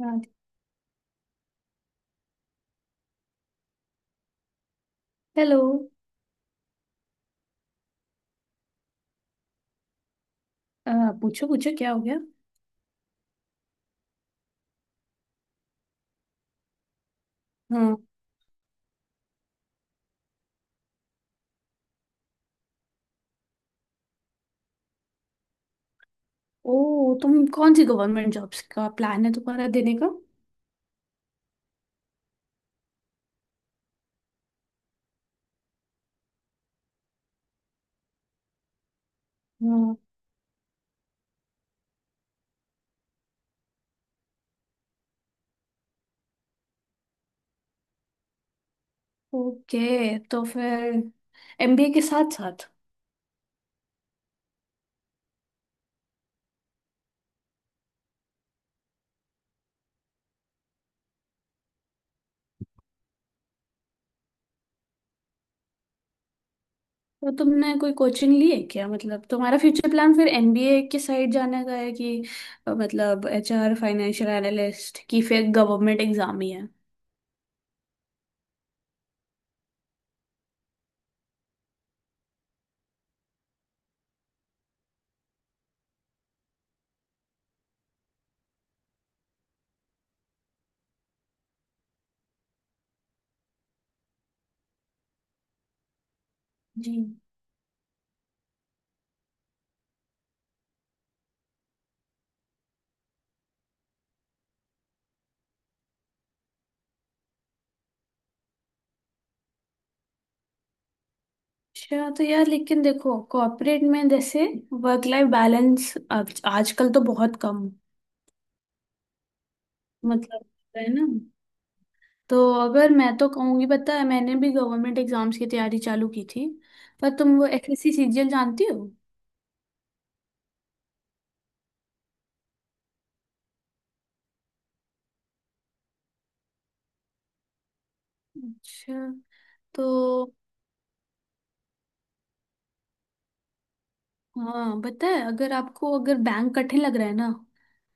हाँ, हेलो। अ, पूछो पूछो क्या हो गया? हाँ। ओ, तुम कौन सी गवर्नमेंट जॉब्स का प्लान है तुम्हारा देने का? हाँ। ओके, तो फिर एमबीए के साथ साथ? तो तुमने कोई कोचिंग ली है क्या? मतलब तुम्हारा फ्यूचर प्लान फिर एमबीए की साइड जाने का है, कि मतलब एचआर, फाइनेंशियल एनालिस्ट की, फिर गवर्नमेंट एग्जाम ही है? जी। अच्छा, तो यार लेकिन देखो कॉर्पोरेट में जैसे वर्क लाइफ बैलेंस आजकल तो बहुत कम, मतलब, है ना। तो अगर मैं तो कहूँगी, पता है मैंने भी गवर्नमेंट एग्जाम्स की तैयारी चालू की थी। पर तुम वो एसएससी सीजीएल जानती हो? अच्छा, तो हाँ, पता है, अगर आपको अगर बैंक कठिन लग रहा है ना,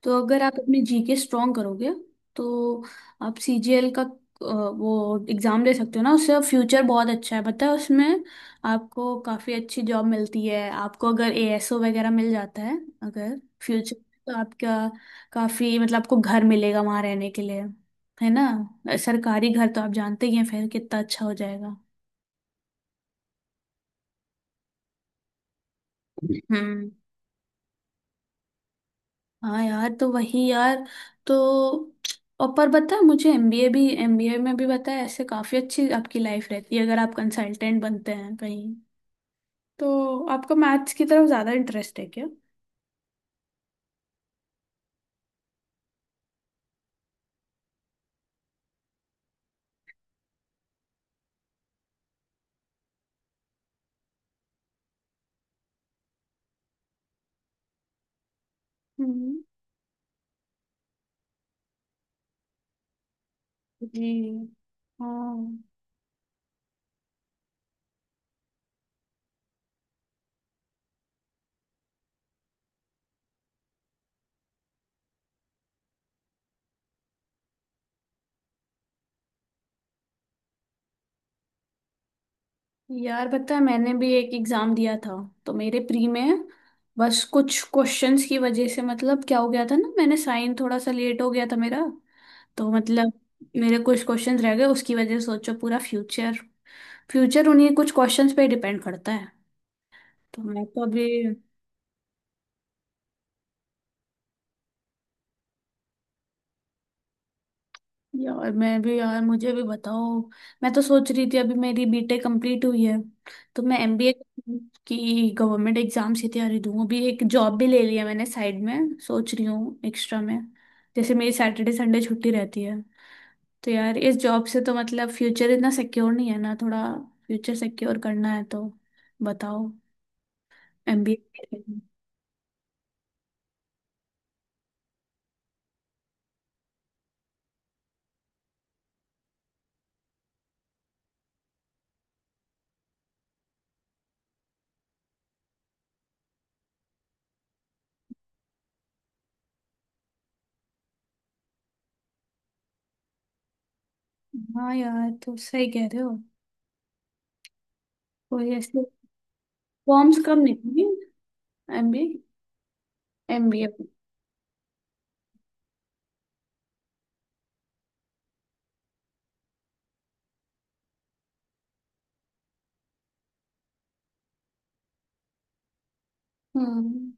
तो अगर आप अपने जीके स्ट्रॉन्ग करोगे, तो आप सीजीएल का वो एग्ज़ाम दे सकते हो ना। उससे फ्यूचर बहुत अच्छा है, पता है उसमें। आपको काफ़ी अच्छी जॉब मिलती है, आपको अगर एएसओ वगैरह मिल जाता है। अगर फ्यूचर, तो आपका काफ़ी, मतलब आपको घर मिलेगा वहाँ रहने के लिए, है ना। सरकारी घर तो आप जानते ही हैं, फिर कितना अच्छा हो जाएगा। हम्म। हाँ यार, तो वही यार। तो और, पर बता मुझे, एमबीए भी, एमबीए में भी बता, ऐसे काफी अच्छी आपकी लाइफ रहती है अगर आप कंसल्टेंट बनते हैं कहीं। तो आपका मैथ्स की तरफ ज्यादा इंटरेस्ट है क्या? हम्म। जी। हाँ यार, पता है मैंने भी एक एग्जाम दिया था। तो मेरे प्री में बस कुछ क्वेश्चंस की वजह से, मतलब क्या हो गया था ना, मैंने साइन थोड़ा सा लेट हो गया था मेरा। तो मतलब मेरे कुछ क्वेश्चंस रह गए, उसकी वजह से, सोचो, पूरा फ्यूचर, फ्यूचर उन्हीं कुछ क्वेश्चंस पे डिपेंड करता है। तो मैं तो अभी, यार मैं भी, यार मुझे भी बताओ। मैं तो सोच रही थी अभी मेरी बीटेक कंप्लीट हुई है, तो मैं एमबीए की, गवर्नमेंट एग्जाम्स की तैयारी दूँ। अभी एक जॉब भी ले लिया मैंने साइड में, सोच रही हूँ एक्स्ट्रा में, जैसे मेरी सैटरडे संडे छुट्टी रहती है। तो यार इस जॉब से तो मतलब फ्यूचर इतना सिक्योर नहीं है ना, थोड़ा फ्यूचर सिक्योर करना है, तो बताओ एमबीए? हाँ यार, तो सही कह रहे हो। कोई ऐसे फॉर्म्स कब निकली? MBA, MBA. हम्म।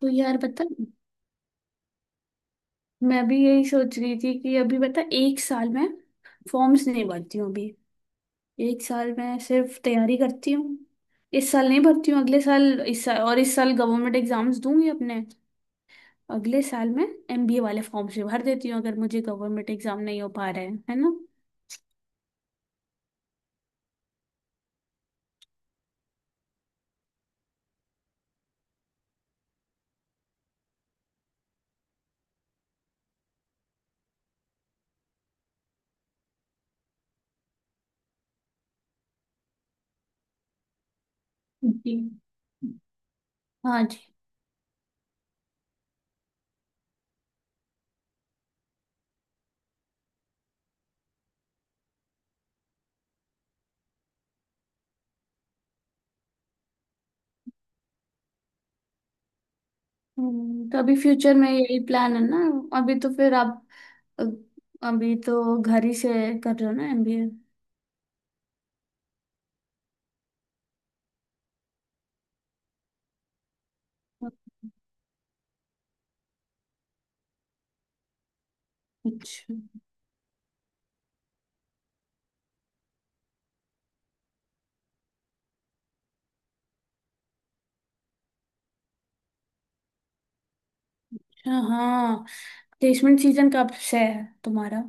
तो यार बता, मैं भी यही सोच रही थी कि अभी बता, एक साल में फॉर्म्स नहीं भरती हूँ अभी, एक साल में सिर्फ तैयारी करती हूँ। इस साल नहीं भरती हूँ, अगले साल, इस साल, और इस साल गवर्नमेंट एग्जाम्स दूंगी अपने, अगले साल में एमबीए वाले फॉर्म से भर देती हूँ, अगर मुझे गवर्नमेंट एग्जाम नहीं हो पा रहा है ना? जी। हाँ जी। तो अभी फ्यूचर में यही प्लान है ना? अभी तो फिर आप अ, अभी तो घर ही से कर रहे हो ना एमबीए? अच्छा। अच्छा हाँ, प्लेसमेंट सीजन कब से है तुम्हारा?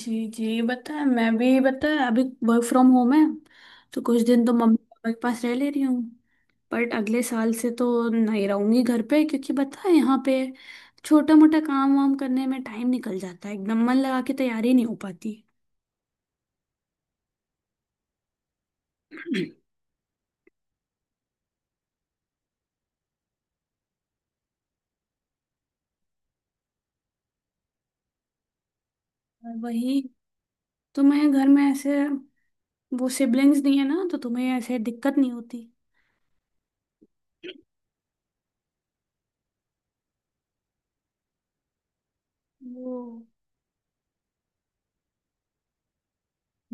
जी जी, बताया, मैं भी बताया अभी, वर्क फ्रॉम होम है, तो कुछ दिन तो मम्मी पापा के पास रह ले रही हूँ। बट अगले साल से तो नहीं रहूंगी घर पे, क्योंकि पता है यहाँ पे छोटा मोटा काम वाम करने में टाइम निकल जाता है, एकदम मन लगा के तैयारी नहीं हो पाती। और वही, तुम्हें घर में ऐसे वो सिबलिंग्स नहीं है ना, तो तुम्हें ऐसे दिक्कत नहीं होती। वो,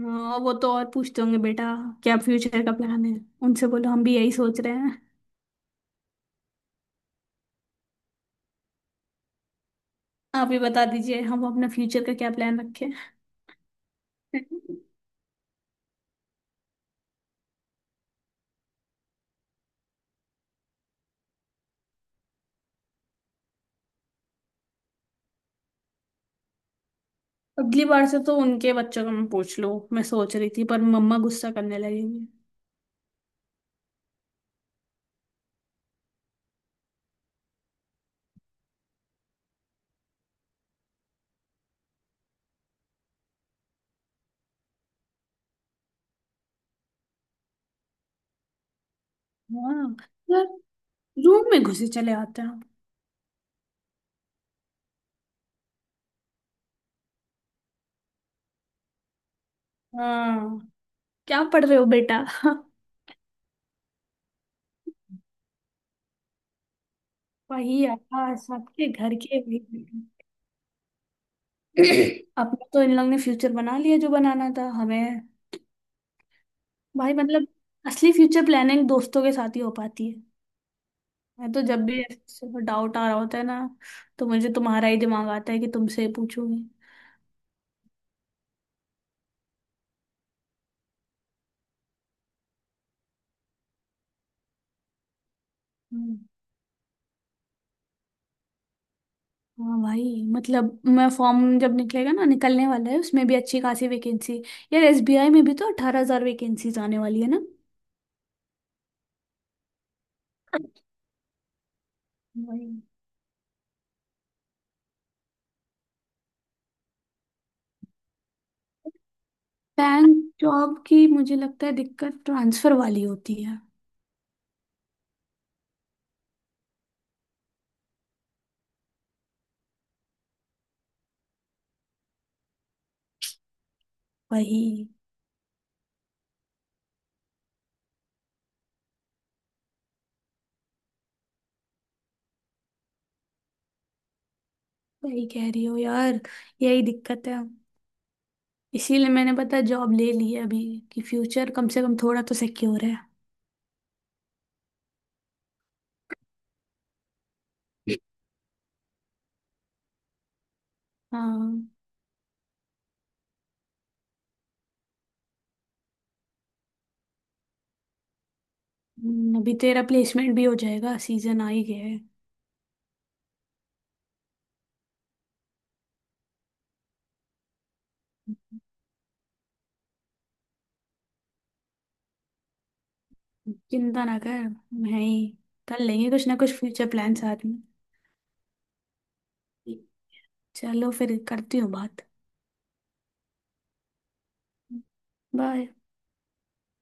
हाँ वो तो और पूछते होंगे, बेटा क्या फ्यूचर का प्लान है? उनसे बोलो हम भी यही सोच रहे हैं। आप ही बता दीजिए हम अपने फ्यूचर का क्या प्लान रखें। अगली बार से तो उनके बच्चों का मैं पूछ लूं, मैं सोच रही थी, पर मम्मा गुस्सा करने लगेंगी। हाँ यार, रूम में घुसे चले आते हैं। हाँ, क्या पढ़ रहे हो बेटा? वही आकाश सबके घर के, वही। अपना तो इन लोग ने फ्यूचर बना लिया जो बनाना था हमें। भाई, मतलब असली फ्यूचर प्लानिंग दोस्तों के साथ ही हो पाती है। मैं तो जब भी डाउट आ रहा होता है ना, तो मुझे तुम्हारा ही दिमाग आता है कि तुमसे पूछूंगी। हम्म, हाँ भाई, मतलब मैं, फॉर्म जब निकलेगा ना, निकलने वाला है, उसमें भी अच्छी खासी वैकेंसी, यार एसबीआई में भी तो 18 हजार वैकेंसीज आने वाली है ना। वही, बैंक जॉब की मुझे लगता है दिक्कत ट्रांसफर वाली होती है। वही, सही कह रही हो यार। यही दिक्कत है। इसीलिए मैंने पता जॉब ले ली है अभी, कि फ्यूचर कम से कम थोड़ा तो सिक्योर है। हाँ। अभी तेरा प्लेसमेंट भी हो जाएगा, सीजन आ ही गया है। चिंता ना कर, मैं ही, कर लेंगे कुछ ना कुछ फ्यूचर प्लान साथ में। चलो फिर, करती हूँ बात। बाय।